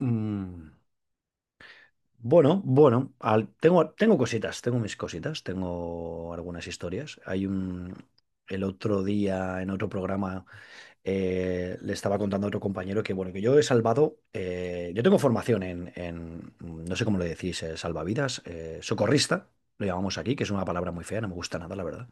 Mm, bueno, bueno, tengo cositas, tengo mis cositas, tengo algunas historias. El otro día en otro programa le estaba contando a otro compañero que yo he salvado, yo tengo formación en, no sé cómo le decís, salvavidas, socorrista, lo llamamos aquí, que es una palabra muy fea, no me gusta nada, la verdad.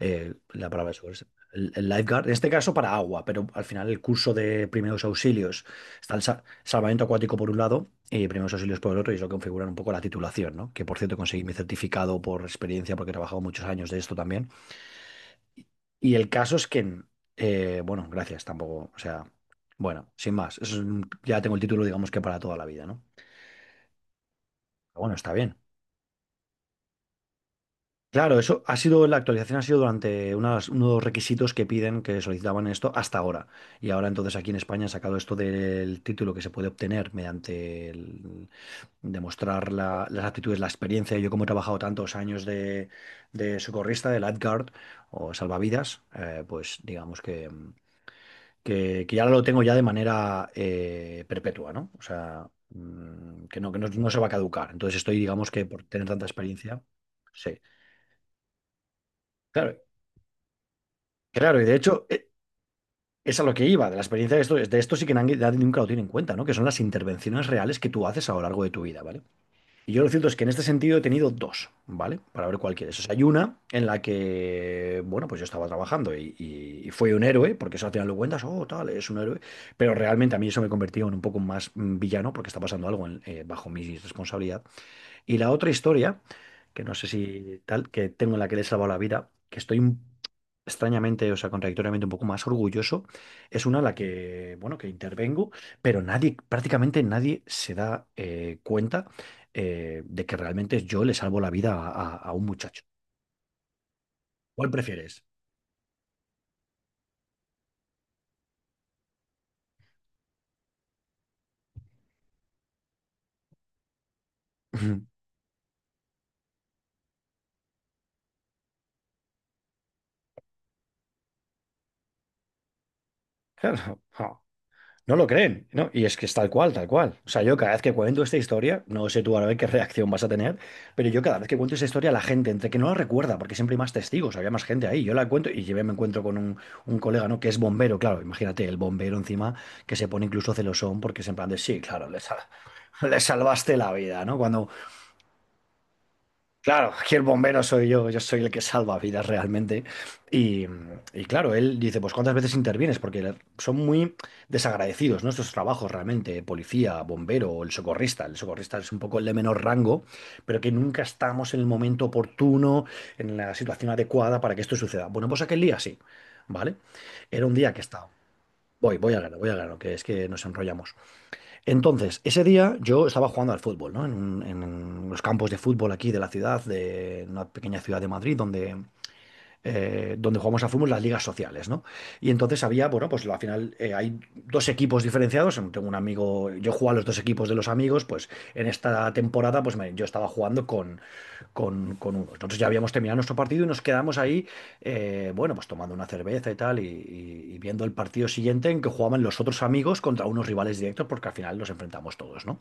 La palabra es el lifeguard, en este caso para agua, pero al final el curso de primeros auxilios: está el salvamento acuático por un lado y primeros auxilios por el otro, y eso configuran un poco la titulación, ¿no? Que por cierto conseguí mi certificado por experiencia porque he trabajado muchos años de esto también. Y el caso es que, bueno, gracias, tampoco, o sea, bueno, sin más, eso es ya tengo el título, digamos que para toda la vida, ¿no? Pero bueno, está bien. Claro, eso ha sido, la actualización ha sido durante unos requisitos que piden, que solicitaban esto hasta ahora. Y ahora entonces aquí en España han sacado esto del título, que se puede obtener mediante demostrar las aptitudes, la experiencia. Yo, como he trabajado tantos años de, socorrista, de lifeguard o salvavidas, pues digamos que ya lo tengo ya de manera perpetua, ¿no? O sea, que no se va a caducar. Entonces estoy, digamos que por tener tanta experiencia, sí. Claro, claro, y de hecho, es a lo que iba, de la experiencia de esto sí que nadie nunca lo tiene en cuenta, ¿no? Que son las intervenciones reales que tú haces a lo largo de tu vida, ¿vale? Y yo, lo cierto es que en este sentido he tenido dos, ¿vale? Para ver cuál quieres. O sea, hay una en la que, bueno, pues yo estaba trabajando y fue un héroe, porque eso al final lo cuentas, oh, tal, es un héroe, pero realmente a mí eso me convertía en un poco más villano, porque está pasando algo bajo mi responsabilidad. Y la otra historia, que no sé si tal, que tengo, en la que le he salvado la vida, que estoy extrañamente, o sea, contradictoriamente un poco más orgulloso, es una en la que, bueno, que intervengo, pero nadie, prácticamente nadie se da cuenta de que realmente yo le salvo la vida a, a un muchacho. ¿Cuál prefieres? Claro. Ja. No lo creen, ¿no? Y es que es tal cual, tal cual. O sea, yo cada vez que cuento esta historia, no sé tú ahora qué reacción vas a tener, pero yo cada vez que cuento esta historia, la gente, entre que no la recuerda, porque siempre hay más testigos, había más gente ahí, yo la cuento y yo me encuentro con un colega, ¿no? Que es bombero. Claro, imagínate, el bombero encima, que se pone incluso celosón, porque es en plan de, sí, claro, le salvaste la vida, ¿no? Claro, aquí el bombero soy yo, yo soy el que salva vidas realmente. Y, y claro, él dice, pues ¿cuántas veces intervienes? Porque son muy desagradecidos, ¿no? Estos trabajos, realmente: policía, bombero o el socorrista. El socorrista es un poco el de menor rango, pero que nunca estamos en el momento oportuno, en la situación adecuada para que esto suceda. Bueno, pues aquel día sí, ¿vale? Era un día que estaba. Voy al grano, voy al grano, que es que nos enrollamos. Entonces, ese día yo estaba jugando al fútbol, ¿no? En los campos de fútbol aquí de la ciudad, de una pequeña ciudad de Madrid, donde, donde jugamos a fútbol, las ligas sociales, ¿no? Y entonces había, bueno, pues al final, hay dos equipos diferenciados. Tengo un amigo, yo jugaba a los dos equipos de los amigos, pues en esta temporada, pues yo estaba jugando con, unos. Nosotros ya habíamos terminado nuestro partido y nos quedamos ahí, bueno, pues tomando una cerveza y tal, y viendo el partido siguiente, en que jugaban los otros amigos contra unos rivales directos, porque al final los enfrentamos todos, ¿no?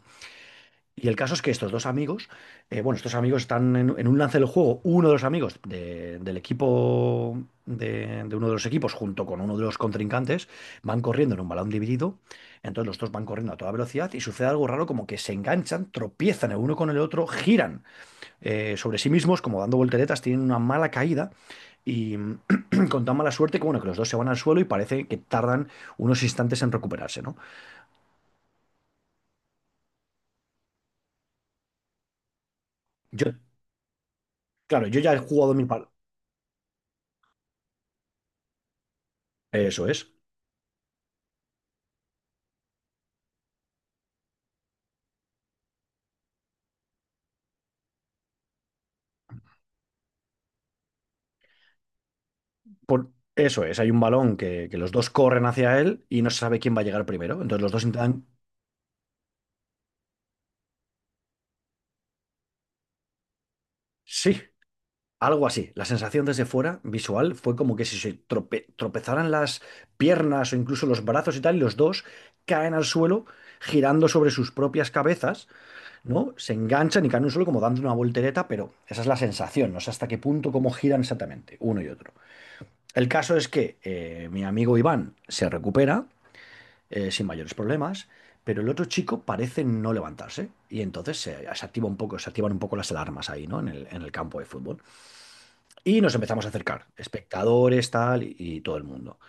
Y el caso es que estos dos amigos, bueno, estos amigos están en, un lance del juego. Uno de los amigos del equipo, de, uno de los equipos, junto con uno de los contrincantes, van corriendo en un balón dividido. Entonces los dos van corriendo a toda velocidad y sucede algo raro, como que se enganchan, tropiezan el uno con el otro, giran, sobre sí mismos, como dando volteretas, tienen una mala caída y con tan mala suerte que, bueno, que los dos se van al suelo y parece que tardan unos instantes en recuperarse, ¿no? Yo, claro, yo ya he jugado mi par. Eso es. Eso es, hay un balón que los dos corren hacia él y no se sabe quién va a llegar primero. Entonces los dos intentan. Sí, algo así. La sensación desde fuera, visual, fue como que si se tropezaran las piernas o incluso los brazos y tal, y los dos caen al suelo girando sobre sus propias cabezas, ¿no? Se enganchan y caen en un suelo como dando una voltereta, pero esa es la sensación, no sé hasta qué punto, cómo giran exactamente uno y otro. El caso es que, mi amigo Iván se recupera, sin mayores problemas, pero el otro chico parece no levantarse, y entonces se activa un poco, se activan un poco las alarmas ahí, ¿no? En el campo de fútbol. Y nos empezamos a acercar, espectadores, tal, y todo el mundo.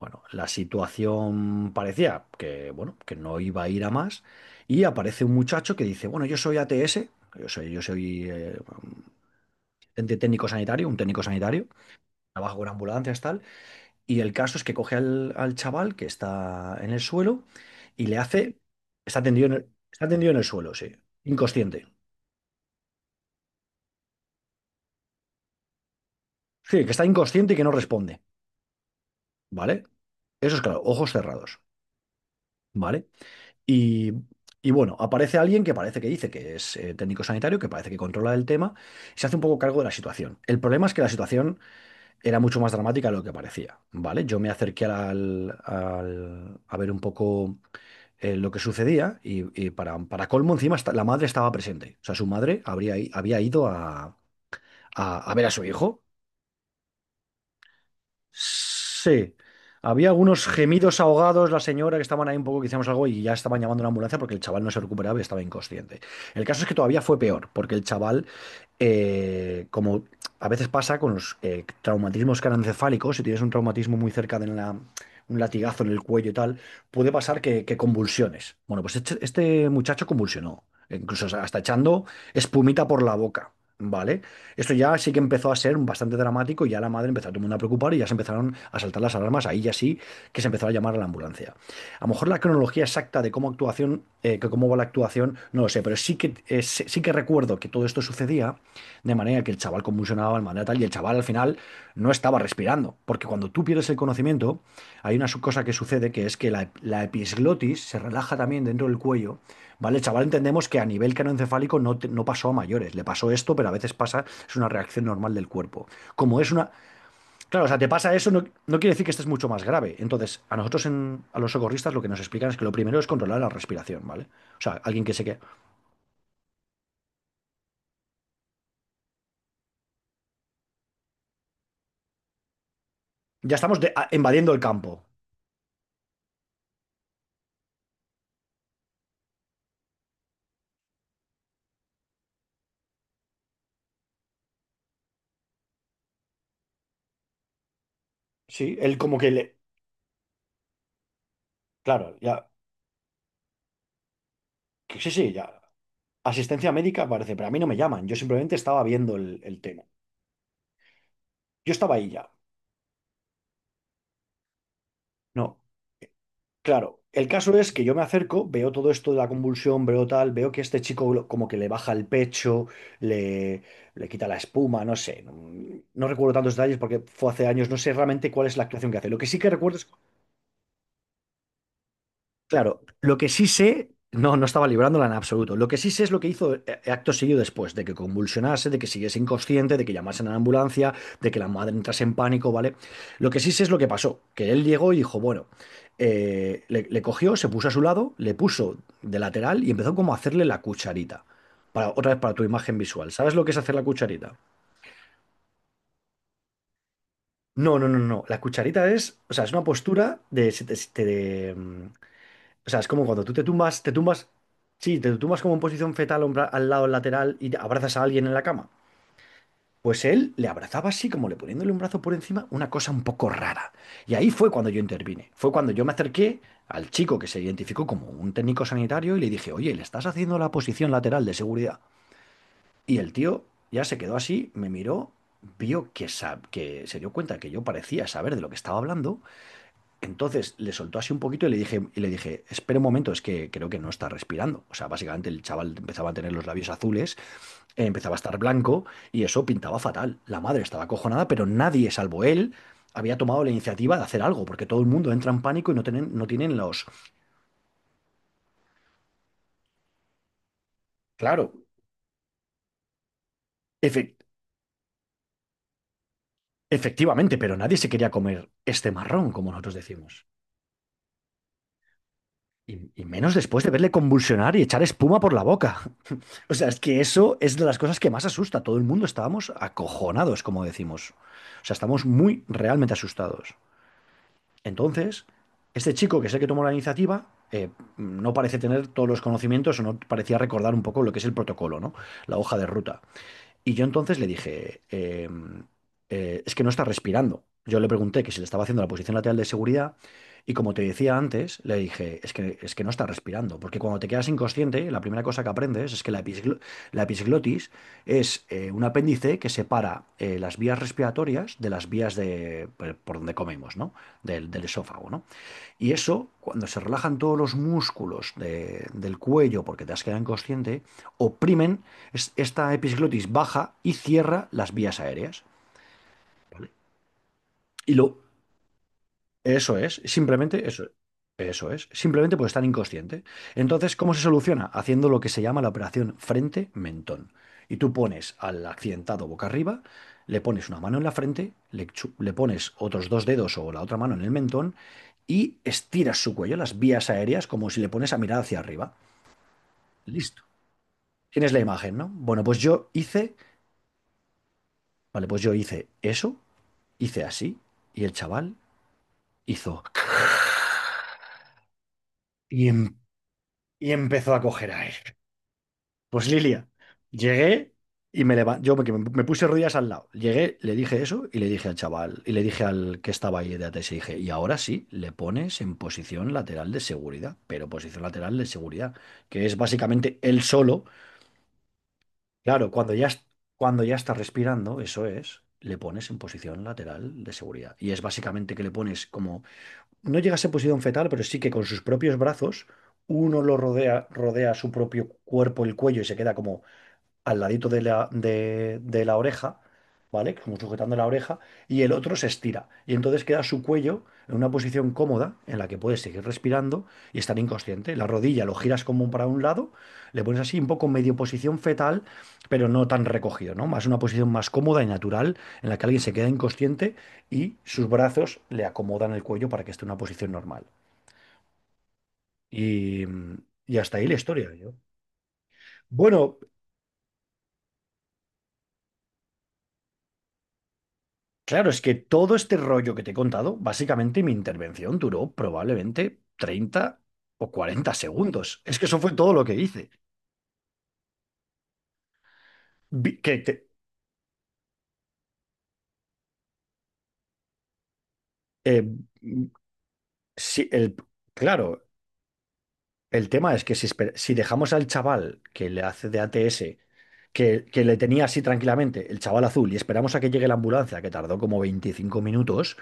Bueno, la situación parecía que, bueno, que no iba a ir a más, y aparece un muchacho que dice: bueno, yo soy ATS, yo soy asistente técnico sanitario, un técnico sanitario, trabajo con ambulancias, tal, y el caso es que coge al chaval que está en el suelo y le hace. Está tendido en el, suelo, sí. Inconsciente. Sí, que está inconsciente y que no responde. ¿Vale? Eso es, claro, ojos cerrados. ¿Vale? Y, y bueno, aparece alguien que parece que dice que es, técnico sanitario, que parece que controla el tema, y se hace un poco cargo de la situación. El problema es que la situación era mucho más dramática de lo que parecía, ¿vale? Yo me acerqué a ver un poco, lo que sucedía, y para colmo, encima, la madre estaba presente. O sea, su madre había ido a, a ver a su hijo. Sí. Había algunos gemidos ahogados, la señora, que estaban ahí, un poco que hicimos algo, y ya estaban llamando a una ambulancia porque el chaval no se recuperaba y estaba inconsciente. El caso es que todavía fue peor, porque el chaval, como a veces pasa con los, traumatismos craneoencefálicos, si tienes un traumatismo muy cerca de un latigazo en el cuello y tal, puede pasar que convulsiones. Bueno, pues este muchacho convulsionó, incluso hasta echando espumita por la boca, ¿vale? Esto ya sí que empezó a ser bastante dramático, y ya la madre empezó a todo el mundo a preocupar, y ya se empezaron a saltar las alarmas. Ahí ya sí que se empezó a llamar a la ambulancia. A lo mejor la cronología exacta de cómo actuación, que cómo va la actuación, no lo sé, pero sí que recuerdo que todo esto sucedía de manera que el chaval convulsionaba de manera tal, y el chaval al final no estaba respirando. Porque cuando tú pierdes el conocimiento, hay una cosa que sucede, que es que la episglotis se relaja también dentro del cuello. ¿Vale? El chaval, entendemos que a nivel canoencefálico no, no pasó a mayores. Le pasó esto, pero a veces pasa, es una reacción normal del cuerpo. Como es una. Claro, o sea, te pasa eso, no, no quiere decir que esto es mucho más grave. Entonces, a nosotros, a los socorristas, lo que nos explican es que lo primero es controlar la respiración, ¿vale? O sea, alguien que se quede. Ya estamos invadiendo el campo. Sí, él como que le. Claro, ya. Sí, sí, ya. Asistencia médica, parece, pero a mí no me llaman. Yo simplemente estaba viendo el tema. Yo estaba ahí ya. No. Claro, el caso es que yo me acerco, veo todo esto de la convulsión, veo tal, veo que este chico como que le baja el pecho, le, le quita la espuma, no sé, no recuerdo tantos detalles porque fue hace años, no sé realmente cuál es la actuación que hace. Lo que sí que recuerdo es... Claro, lo que sí sé, no, no estaba librándola en absoluto. Lo que sí sé es lo que hizo acto seguido después, de que convulsionase, de que siguiese inconsciente, de que llamasen a la ambulancia, de que la madre entrase en pánico, ¿vale? Lo que sí sé es lo que pasó, que él llegó y dijo, bueno, le cogió, se puso a su lado, le puso de lateral y empezó como a hacerle la cucharita. Para, otra vez para tu imagen visual. ¿Sabes lo que es hacer la cucharita? No, no, no, no. La cucharita es, o sea, es una postura de. O sea, es como cuando tú te tumbas, sí, te tumbas como en posición fetal al lado lateral y te abrazas a alguien en la cama. Pues él le abrazaba así, como le poniéndole un brazo por encima, una cosa un poco rara. Y ahí fue cuando yo intervine. Fue cuando yo me acerqué al chico que se identificó como un técnico sanitario y le dije, oye, le estás haciendo la posición lateral de seguridad. Y el tío ya se quedó así, me miró, vio que, que se dio cuenta que yo parecía saber de lo que estaba hablando, entonces le soltó así un poquito y le dije, espera un momento, es que creo que no está respirando. O sea, básicamente el chaval empezaba a tener los labios azules, empezaba a estar blanco y eso pintaba fatal. La madre estaba acojonada, pero nadie, salvo él, había tomado la iniciativa de hacer algo, porque todo el mundo entra en pánico y no tienen, no tienen los... Claro, efe- efectivamente, pero nadie se quería comer este marrón, como nosotros decimos. Y menos después de verle convulsionar y echar espuma por la boca. O sea, es que eso es de las cosas que más asusta. Todo el mundo estábamos acojonados, como decimos. O sea, estamos muy realmente asustados. Entonces, este chico que es el que tomó la iniciativa, no parece tener todos los conocimientos o no parecía recordar un poco lo que es el protocolo, ¿no? La hoja de ruta. Y yo entonces le dije, es que no está respirando. Yo le pregunté que si le estaba haciendo la posición lateral de seguridad y, como te decía antes, le dije, es que no está respirando, porque cuando te quedas inconsciente, la primera cosa que aprendes es que la. La episglotis es un apéndice que separa las vías respiratorias de las vías de, por donde comemos, ¿no? Del, del esófago, ¿no? Y eso, cuando se relajan todos los músculos del cuello porque te has quedado inconsciente, oprimen, esta episglotis baja y cierra las vías aéreas. Y lo. Eso es, simplemente eso, eso es, simplemente por estar inconsciente. Entonces, ¿cómo se soluciona? Haciendo lo que se llama la operación frente-mentón. Y tú pones al accidentado boca arriba, le pones una mano en la frente, le pones otros dos dedos o la otra mano en el mentón y estiras su cuello, las vías aéreas, como si le pones a mirar hacia arriba. Listo. Tienes la imagen, ¿no? Bueno, vale, pues yo hice eso, hice así, y el chaval hizo... Y, y empezó a coger aire. Pues Lilia, llegué y me levanté, yo me, que me- me puse rodillas al lado. Llegué, le dije eso y le dije al chaval, y le dije al que estaba ahí de ATS, y dije, y ahora sí, le pones en posición lateral de seguridad, pero posición lateral de seguridad, que es básicamente él solo. Claro, cuando ya está respirando, eso es, le pones en posición lateral de seguridad. Y es básicamente que le pones como, no llega a ser posición fetal, pero sí que con sus propios brazos, uno lo rodea, rodea su propio cuerpo, el cuello, y se queda como al ladito de de la oreja, ¿vale? Como sujetando la oreja, y el otro se estira. Y entonces queda su cuello en una posición cómoda en la que puedes seguir respirando y estar inconsciente. La rodilla lo giras como para un lado, le pones así un poco medio posición fetal, pero no tan recogido, ¿no? Más una posición más cómoda y natural en la que alguien se queda inconsciente y sus brazos le acomodan el cuello para que esté en una posición normal. Y, y hasta ahí la historia, yo. Bueno, claro, es que todo este rollo que te he contado, básicamente mi intervención duró probablemente 30 o 40 segundos. Es que eso fue todo lo que hice. Vi- Que te- eh, mm, si el, claro, el tema es que si dejamos al chaval que le hace de ATS, que le tenía así tranquilamente, el chaval azul, y esperamos a que llegue la ambulancia, que tardó como 25 minutos.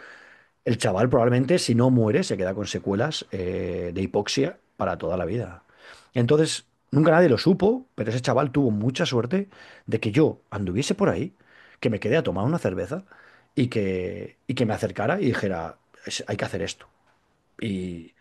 El chaval probablemente, si no muere, se queda con secuelas de hipoxia para toda la vida. Entonces, nunca nadie lo supo, pero ese chaval tuvo mucha suerte de que yo anduviese por ahí, que me quedé a tomar una cerveza y que me acercara y dijera, "Es- hay que hacer esto". Y,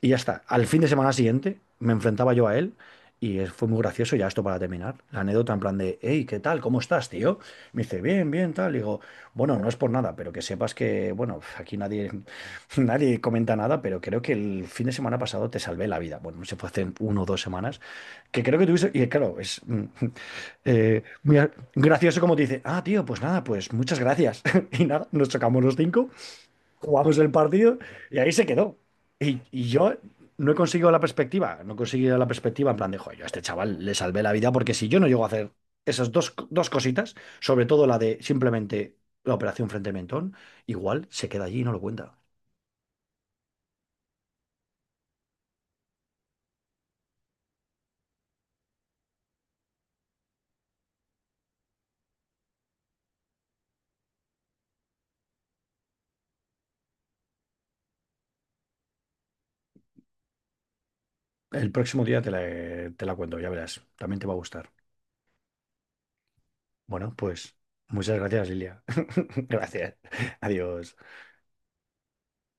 y ya está. Al fin de semana siguiente me enfrentaba yo a él y fue muy gracioso ya esto para terminar. La anécdota en plan de, hey, ¿qué tal? ¿Cómo estás, tío? Me dice, bien, bien, tal. Y digo, bueno, no es por nada, pero que sepas que, bueno, aquí nadie, nadie comenta nada, pero creo que el fin de semana pasado te salvé la vida. Bueno, se fue hace 1 o 2 semanas, que creo que tuviste, y claro, es gracioso como te dice, ah, tío, pues nada, pues muchas gracias. Y nada, nos chocamos los cinco, jugamos el partido y ahí se quedó. Y yo no he conseguido la perspectiva, no he conseguido la perspectiva en plan de, joder, yo a este chaval le salvé la vida porque si yo no llego a hacer esas dos cositas, sobre todo la de simplemente la operación frente al mentón, igual se queda allí y no lo cuenta. El próximo día te la cuento, ya verás, también te va a gustar. Bueno, pues muchas gracias, Lilia. Gracias. Adiós.